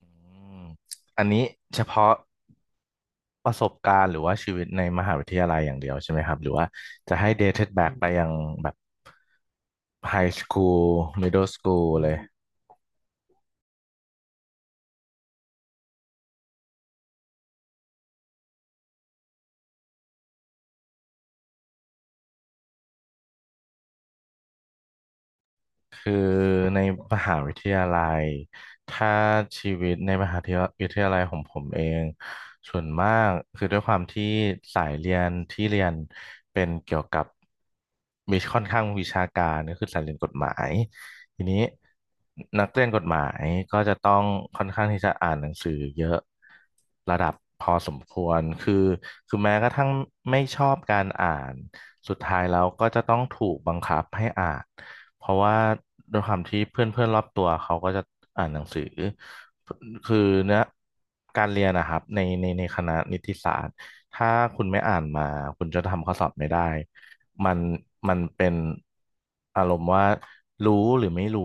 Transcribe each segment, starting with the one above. อืมอันนี้เฉพาะประสบการณ์หรือว่าชีวิตในมหาวิทยาลัยอย่างเดียวใช่ไหมครับหรือว่าจะให้ dated back ไปยังแบบ high school middle school เลย คือในมหาวิทยาลัยถ้าชีวิตในมหาวิทยาลัยของผมเองส่วนมากคือด้วยความที่สายเรียนที่เรียนเป็นเกี่ยวกับมีค่อนข้างวิชาการก็คือสายเรียนกฎหมายทีนี้นักเรียนกฎหมายก็จะต้องค่อนข้างที่จะอ่านหนังสือเยอะระดับพอสมควรคือแม้กระทั่งไม่ชอบการอ่านสุดท้ายแล้วก็จะต้องถูกบังคับให้อ่าน เพราะว่าด้วยความที่เพื่อนเพื่อนรอบตัวเขาก็จะอ่านหนังสือคือเนี้ยการเรียนนะครับในคณะนิติศาสตร์ถ้าคุณไม่อ่านมาคุณจะทำข้อสอบไม่ได้ มันมันเป็นอารมณ์ว่ารู้หรือไม่รู้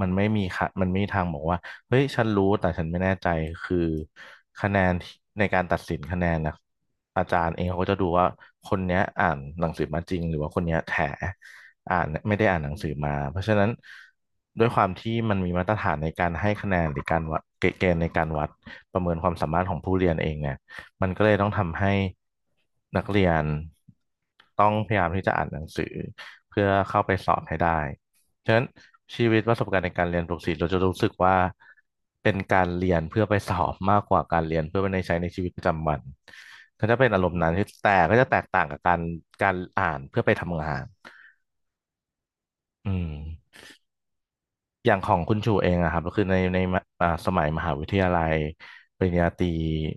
มันไม่มีค่ะมันไม่มีทางบอกว่าเฮ้ยฉันรู้แต่ฉันไม่แน่ใจคือคะแนนที่ในการตัดสินคะแนนนะอาจารย์เองเขาก็จะดูว่าคนเนี้ยอ่านหนังสือมาจริงหรือว่าคนเนี้ยแถอ่านไม่ได้อ่านหนังสือมาเพราะฉะนั้นด้วยความที่มันมีมาตรฐานในการให้คะแนนหรือการวัดเกณฑ์ในการวัดประเมินความสามารถของผู้เรียนเองเนี่ย มันก็เลยต้องทำให้นักเรียนต้องพยายามที่จะอ่านหนังสือเพื่อเข้าไปสอบให้ได้ฉะนั้นชีวิตประสบการณ์ในการเรียนปกติเราจะรู้สึกว่าเป็นการเรียนเพื่อไปสอบมากกว่าการเรียนเพื่อไปในใช้ในชีวิตประจำวันก็จะเป็นอารมณ์นั้นที่แต่ก็จะแตกต่างกับการอ่านเพื่อไปทำงานอืมอย่างของคุณชูเองอะครับก็คือในสมัยมหาวิทยาลัยปริญญาตรี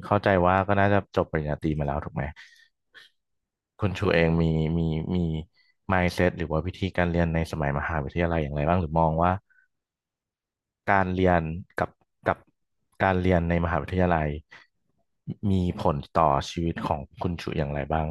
เข้าใจว่าก็น่าจะจบปริญญาตรีมาแล้วถูกไหม คุณชูเองมีมี mindset หรือว่าวิธีการเรียนในสมัยมหาวิทยาลัยอย่างไรบ้างหรือมองว่าการเรียนกับกับการเรียนในมหาวิทยาลัยมีผลต่อชีวิตของคุณชูอย่างไรบ้าง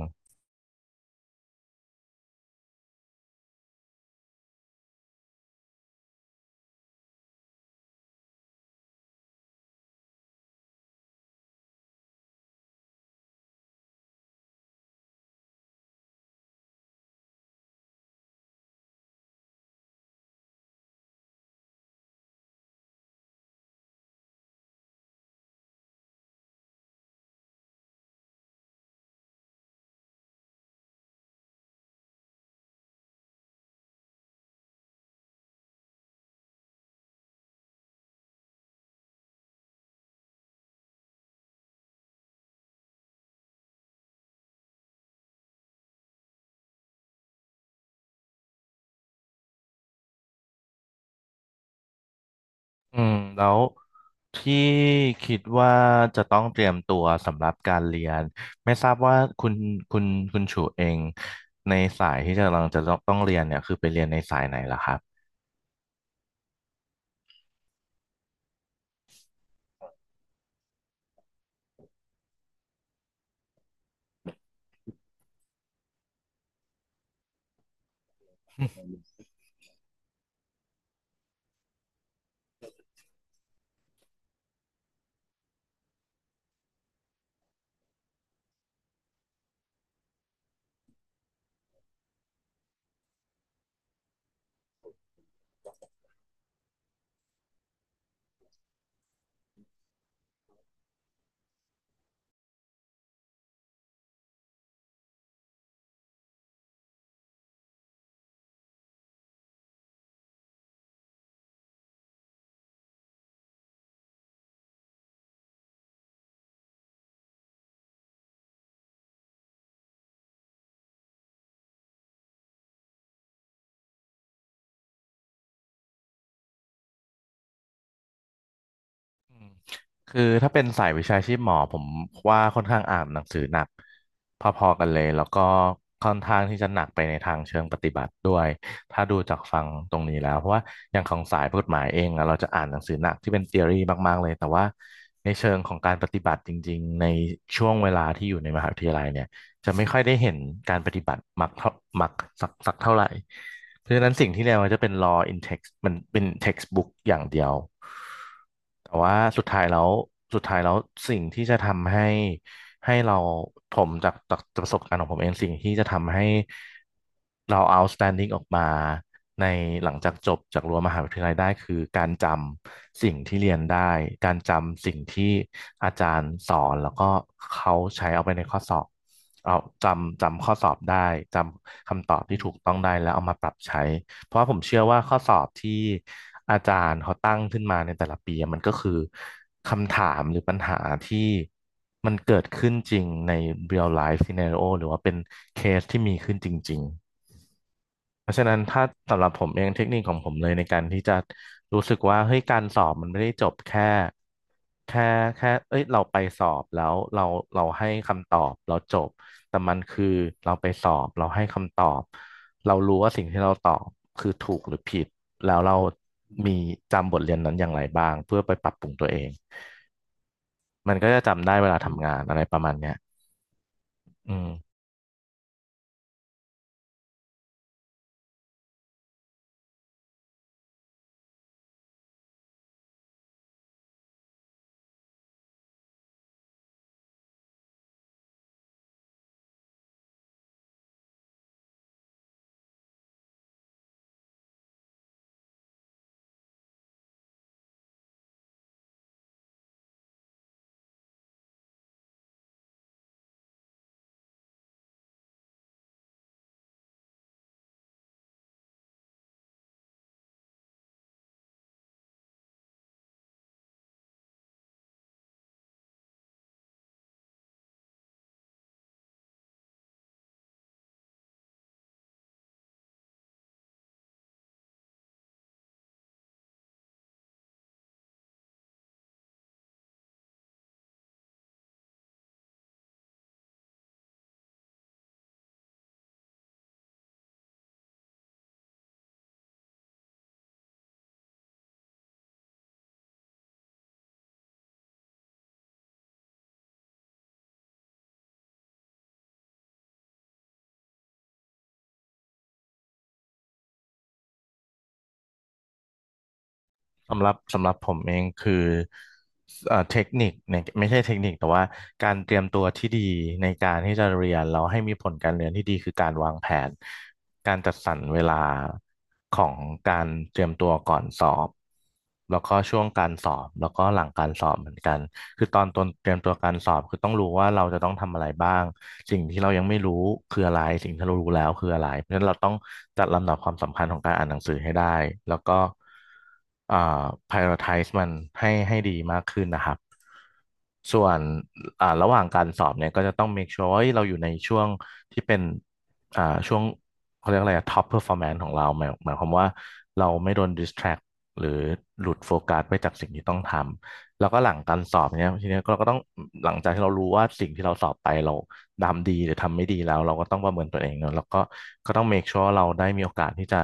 อืมแล้วที่คิดว่าจะต้องเตรียมตัวสำหรับการเรียนไม่ทราบว่าคุณคุณชูเองในสายที่จะกำลังจะต้องเรียนเนี่ยคือไปเรียนในสายไหนล่ะครับ อืมคือถ้าเป็นสายวิชาชีพหมอผมว่าค่อนข้างอ่านหนังสือหนักพอๆกันเลยแล้วก็ค่อนข้างที่จะหนักไปในทางเชิงปฏิบัติด้วยถ้าดูจากฟังตรงนี้แล้วเพราะว่าอย่างของสายกฎหมายเองอะเราจะอ่านหนังสือหนักที่เป็น t h e o รีมากๆเลยแต่ว่าในเชิงของการปฏิบัติจริงๆในช่วงเวลาที่อยู่ในมหาวิทยาลัยเนี่ยจะไม่ค่อยได้เห็นการปฏิบัติมักเท่ามักสักสักเท่าไหร่ เพราะฉะนั้นสิ่งที่เรียนมันจะเป็น law in text มันเป็น textbook อย่างเดียวแต่ว่าสุดท้ายแล้วสิ่งที่จะทำให้ให้เราผมจากประสบการณ์ของผมเองสิ่งที่จะทำให้เรา outstanding ออกมาในหลังจากจบจากรั้วมหาวิทยาลัยได้คือการจำสิ่งที่เรียนได้การจำสิ่งที่อาจารย์สอนแล้วก็เขาใช้เอาไปในข้อสอบ เอาจำข้อสอบได้จำคำตอบที่ถูกต้องได้แล้วเอามาปรับใช้เพราะว่าผมเชื่อว่าข้อสอบที่อาจารย์เขาตั้งขึ้นมาในแต่ละปีอะมันก็คือคำถามหรือปัญหาที่มันเกิดขึ้นจริงใน real life scenario หรือว่าเป็นเคสที่มีขึ้นจริง เพราะฉะนั้นถ้าสำหรับผมเองเทคนิคของผมเลยในการที่จะรู้สึกว่าเฮ้ยการสอบมันไม่ได้จบแค่แค่เอ้ยเราไปสอบแล้วเราให้คำตอบเราจบแต่มันคือเราไปสอบเราให้คำตอบเรารู้ว่าสิ่งที่เราตอบคือถูกหรือผิดแล้วเรามีจำบทเรียนนั้นอย่างไรบ้างเพื่อไปปรับปรุงตัวเองมันก็จะจำได้เวลาทำงานอะไรประมาณเนี้ยอืม สำหรับผมเองคือเทคนิคเนี่ยไม่ใช่เทคนิคแต่ว่าการเตรียมตัวที่ดีในการที่จะเรียนแล้วให้มีผลการเรียนที่ดีคือการวางแผนการจัดสรรเวลาของการเตรียมตัวก่อนสอบแล้วก็ช่วงการสอบแล้วก็หลังการสอบเหมือนกัน คือตอนเตรียมตัวการสอบคือต้องรู้ว่าเราจะต้องทำอะไรบ้างสิ่งที่เรายังไม่รู้คืออะไรสิ่งที่เรารู้แล้วคืออะไรเพราะฉะนั้นเราต้องจัดลำดับความสำคัญของการอ่านหนังสือให้ได้แล้วก็อ่า prioritize มันให้ดีมากขึ้นนะครับส่วนระหว่างการสอบเนี่ยก็จะต้อง make sure ว่าเฮ้ยเราอยู่ในช่วงที่เป็นอ่าช่วงเขาเรียกอะไรอะ top performance ของเราหมายความว่าเราไม่โดน distract หรือหลุดโฟกัสไปจากสิ่งที่ต้องทำ แล้วก็หลังการสอบเนี้ยทีเนี้ยเราก็ต้องหลังจากที่เรารู้ว่าสิ่งที่เราสอบไปเราทำดีหรือทำไม่ดีแล้วเราก็ต้องประเมินตัวเองเนอะแล้วก็ก็ต้อง make sure เราได้มีโอกาสที่จะ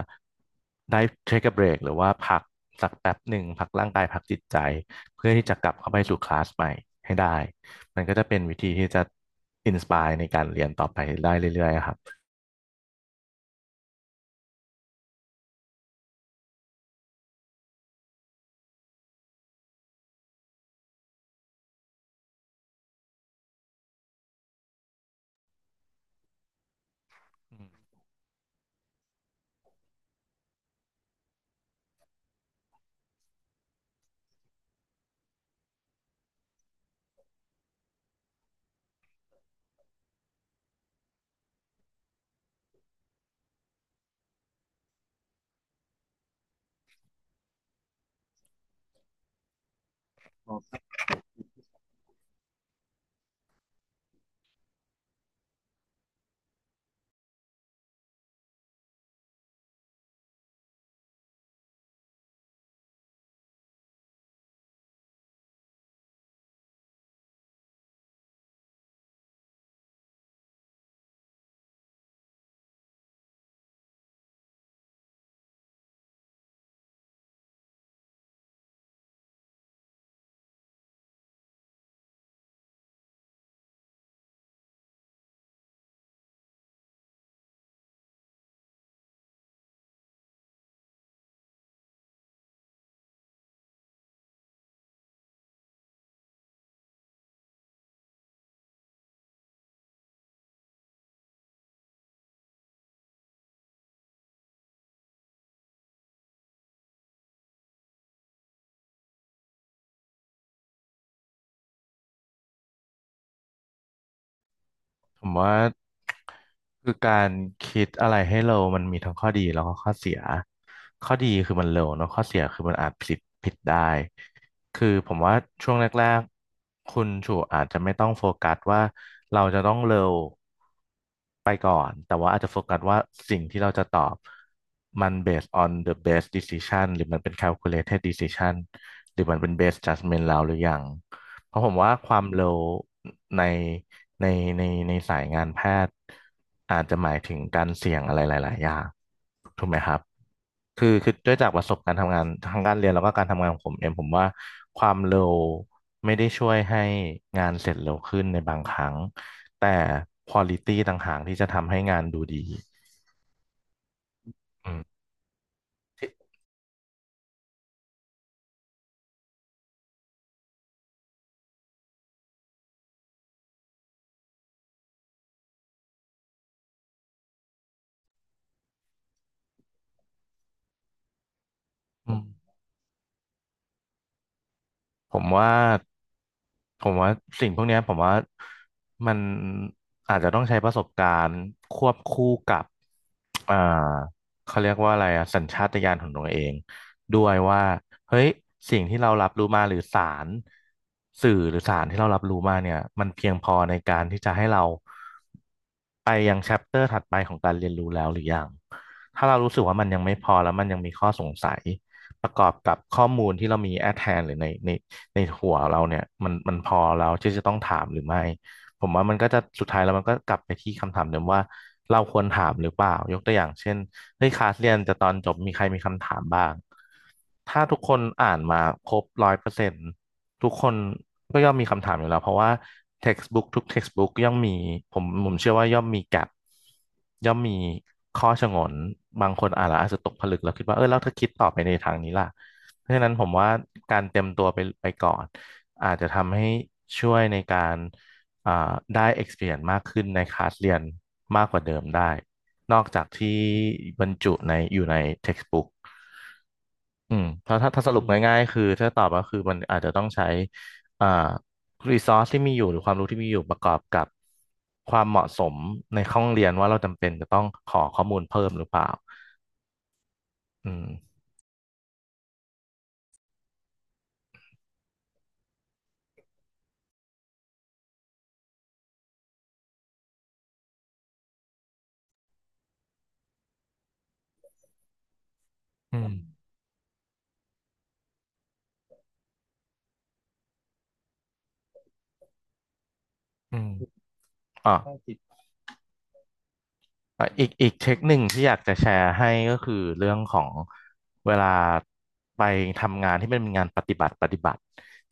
ได้ take a break หรือว่าพักสักแป๊บหนึ่งพักร่างกายพักจิตใจเพื่อที่จะกลับเข้าไปสู่คลาสใหม่ให้ได้มันก็จะเป็นวิธีที่จะอินสปายในการเรียนต่อไปได้เรื่อยๆครับ ผมว่าคือการคิดอะไรให้เร็วมันมีทั้งข้อดีแล้วก็ข้อเสียข้อดีคือมันเร็วเนอะข้อเสียคือมันอาจผิดได้คือผมว่าช่วงแรกๆคุณชูอาจจะไม่ต้องโฟกัสว่าเราจะต้องเร็วไปก่อนแต่ว่าอาจจะโฟกัสว่าสิ่งที่เราจะตอบมัน based on the best decision หรือมันเป็น calculated decision หรือมันเป็น based judgment เราหรือยัง เพราะผมว่าความเร็วในในในในสายงานแพทย์อาจจะหมายถึงการเสี่ยงอะไรหลายๆอย่างถูกไหมครับคือด้วยจากประสบการณ์ทำงานทางการเรียนแล้วก็การทำงานของผมเองผมว่าความเร็วไม่ได้ช่วยให้งานเสร็จเร็วขึ้นในบางครั้งแต่ควอลิตี้ต่างหากที่จะทำให้งานดูดีอืมที่อืม ผมว่าผมว่าสิ่งพวกเนี้ยผมว่ามันอาจจะต้องใช้ประสบการณ์ควบคู่กับ อ่าเขาเรียกว่าอะไรอะสัญชาตญาณของตัวเองด้วยว่าเฮ้ยสิ่งที่เรารับรู้มาหรือสารสื่อหรือสารที่เรารับรู้มาเนี่ยมันเพียงพอในการที่จะให้เราไปยังแชปเตอร์ถัดไปของการเรียนรู้แล้วหรือยังถ้าเรารู้สึกว่ามันยังไม่พอแล้วมันยังมีข้อสงสัยประกอบกับข้อมูลที่เรามีแอทแทนหรือในหัวเราเนี่ยมันพอเราที่จะต้องถามหรือไม่ ผมว่ามันก็จะสุดท้ายแล้วมันก็กลับไปที่คำถามเดิมว่าเราควรถามหรือเปล่ายกตัวอย่างเช่นเฮ้ยคลาสเรียนจะตอนจบมีใครมีคำถามบ้างถ้าทุกคนอ่านมาครบร้อยเปอร์เซ็นต์ทุกคนก็ย่อมมีคำถามอยู่แล้วเพราะว่า textbook ทุก textbook ย่อมมีผมผมเชื่อว่าย่อมมี gap ย่อมมีข้อฉงนบางคนอ่านแล้วอาจจะตกผลึกแล้วคิดว่าเออแล้วถ้าคิดต่อไปในทางนี้ล่ะเพราะฉะนั้นผมว่าการเตรียมตัวไปก่อนอาจจะทำให้ช่วยในการ อ่าได้ experience มากขึ้นในคลาสเรียนมากกว่าเดิมได้นอกจากที่บรรจุในอยู่ใน textbook อืมถ้าสรุปง่ายๆคือถ้าตอบก็คือมันอาจจะต้องใช้อ่า resource ที่มีอยู่หรือความรู้ที่มีอยู่ประกอบกับความเหมาะสมในห้องเรียนว่าเราจำเป็นจะต้องขอข้อมูลเพิ่มหรือเปล่าอืมอืมอืมอ่ะ อีกเทคหนึ่งที่อยากจะแชร์ให้ก็คือเรื่องของเวลาไปทำงานที่มันเป็นงานปฏิบัติ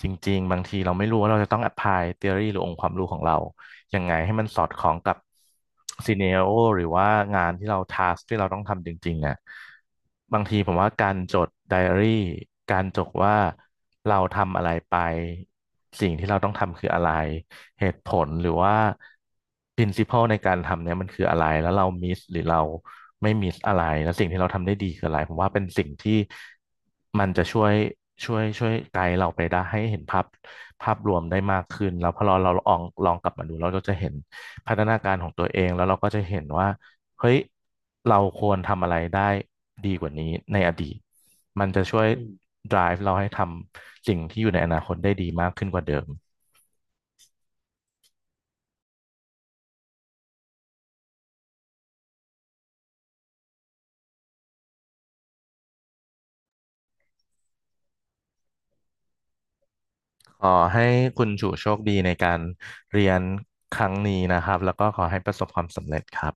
จริงๆบางทีเราไม่รู้ว่าเราจะต้อง apply theory หรือองค์ความรู้ของเรา ยังไงให้มันสอดคล้องกับซีเนียโอหรือว่างานที่เราทาสที่เราต้องทำจริงๆอ่ะบางทีผมว่าการจดไดอารี่การจดว่าเราทำอะไรไปสิ่งที่เราต้องทำคืออะไรเหตุผลหรือว่า principle ในการทำเนี่ยมันคืออะไรแล้วเรามิสหรือเราไม่มิสอะไรแล้วสิ่งที่เราทำได้ดีคืออะไรผมว่าเป็นสิ่งที่ มันจะช่วยไกด์เราไปได้ให้เห็นภาพรวมได้มากขึ้นแล้วพอเราลองกลับมาดูเราก็จะเห็นพัฒนาการของตัวเองแล้วเราก็จะเห็นว่าเฮ้ยเราควรทำอะไรได้ดีกว่านี้ในอดีตมันจะช่วยdrive เราให้ทำสิ่งที่อยู่ในอนาคตได้ดีมากขึ้นกว่าเดิมขอให้คุณชูโชคดีในการเรียนครั้งนี้นะครับแล้วก็ขอให้ประสบความสำเร็จครับ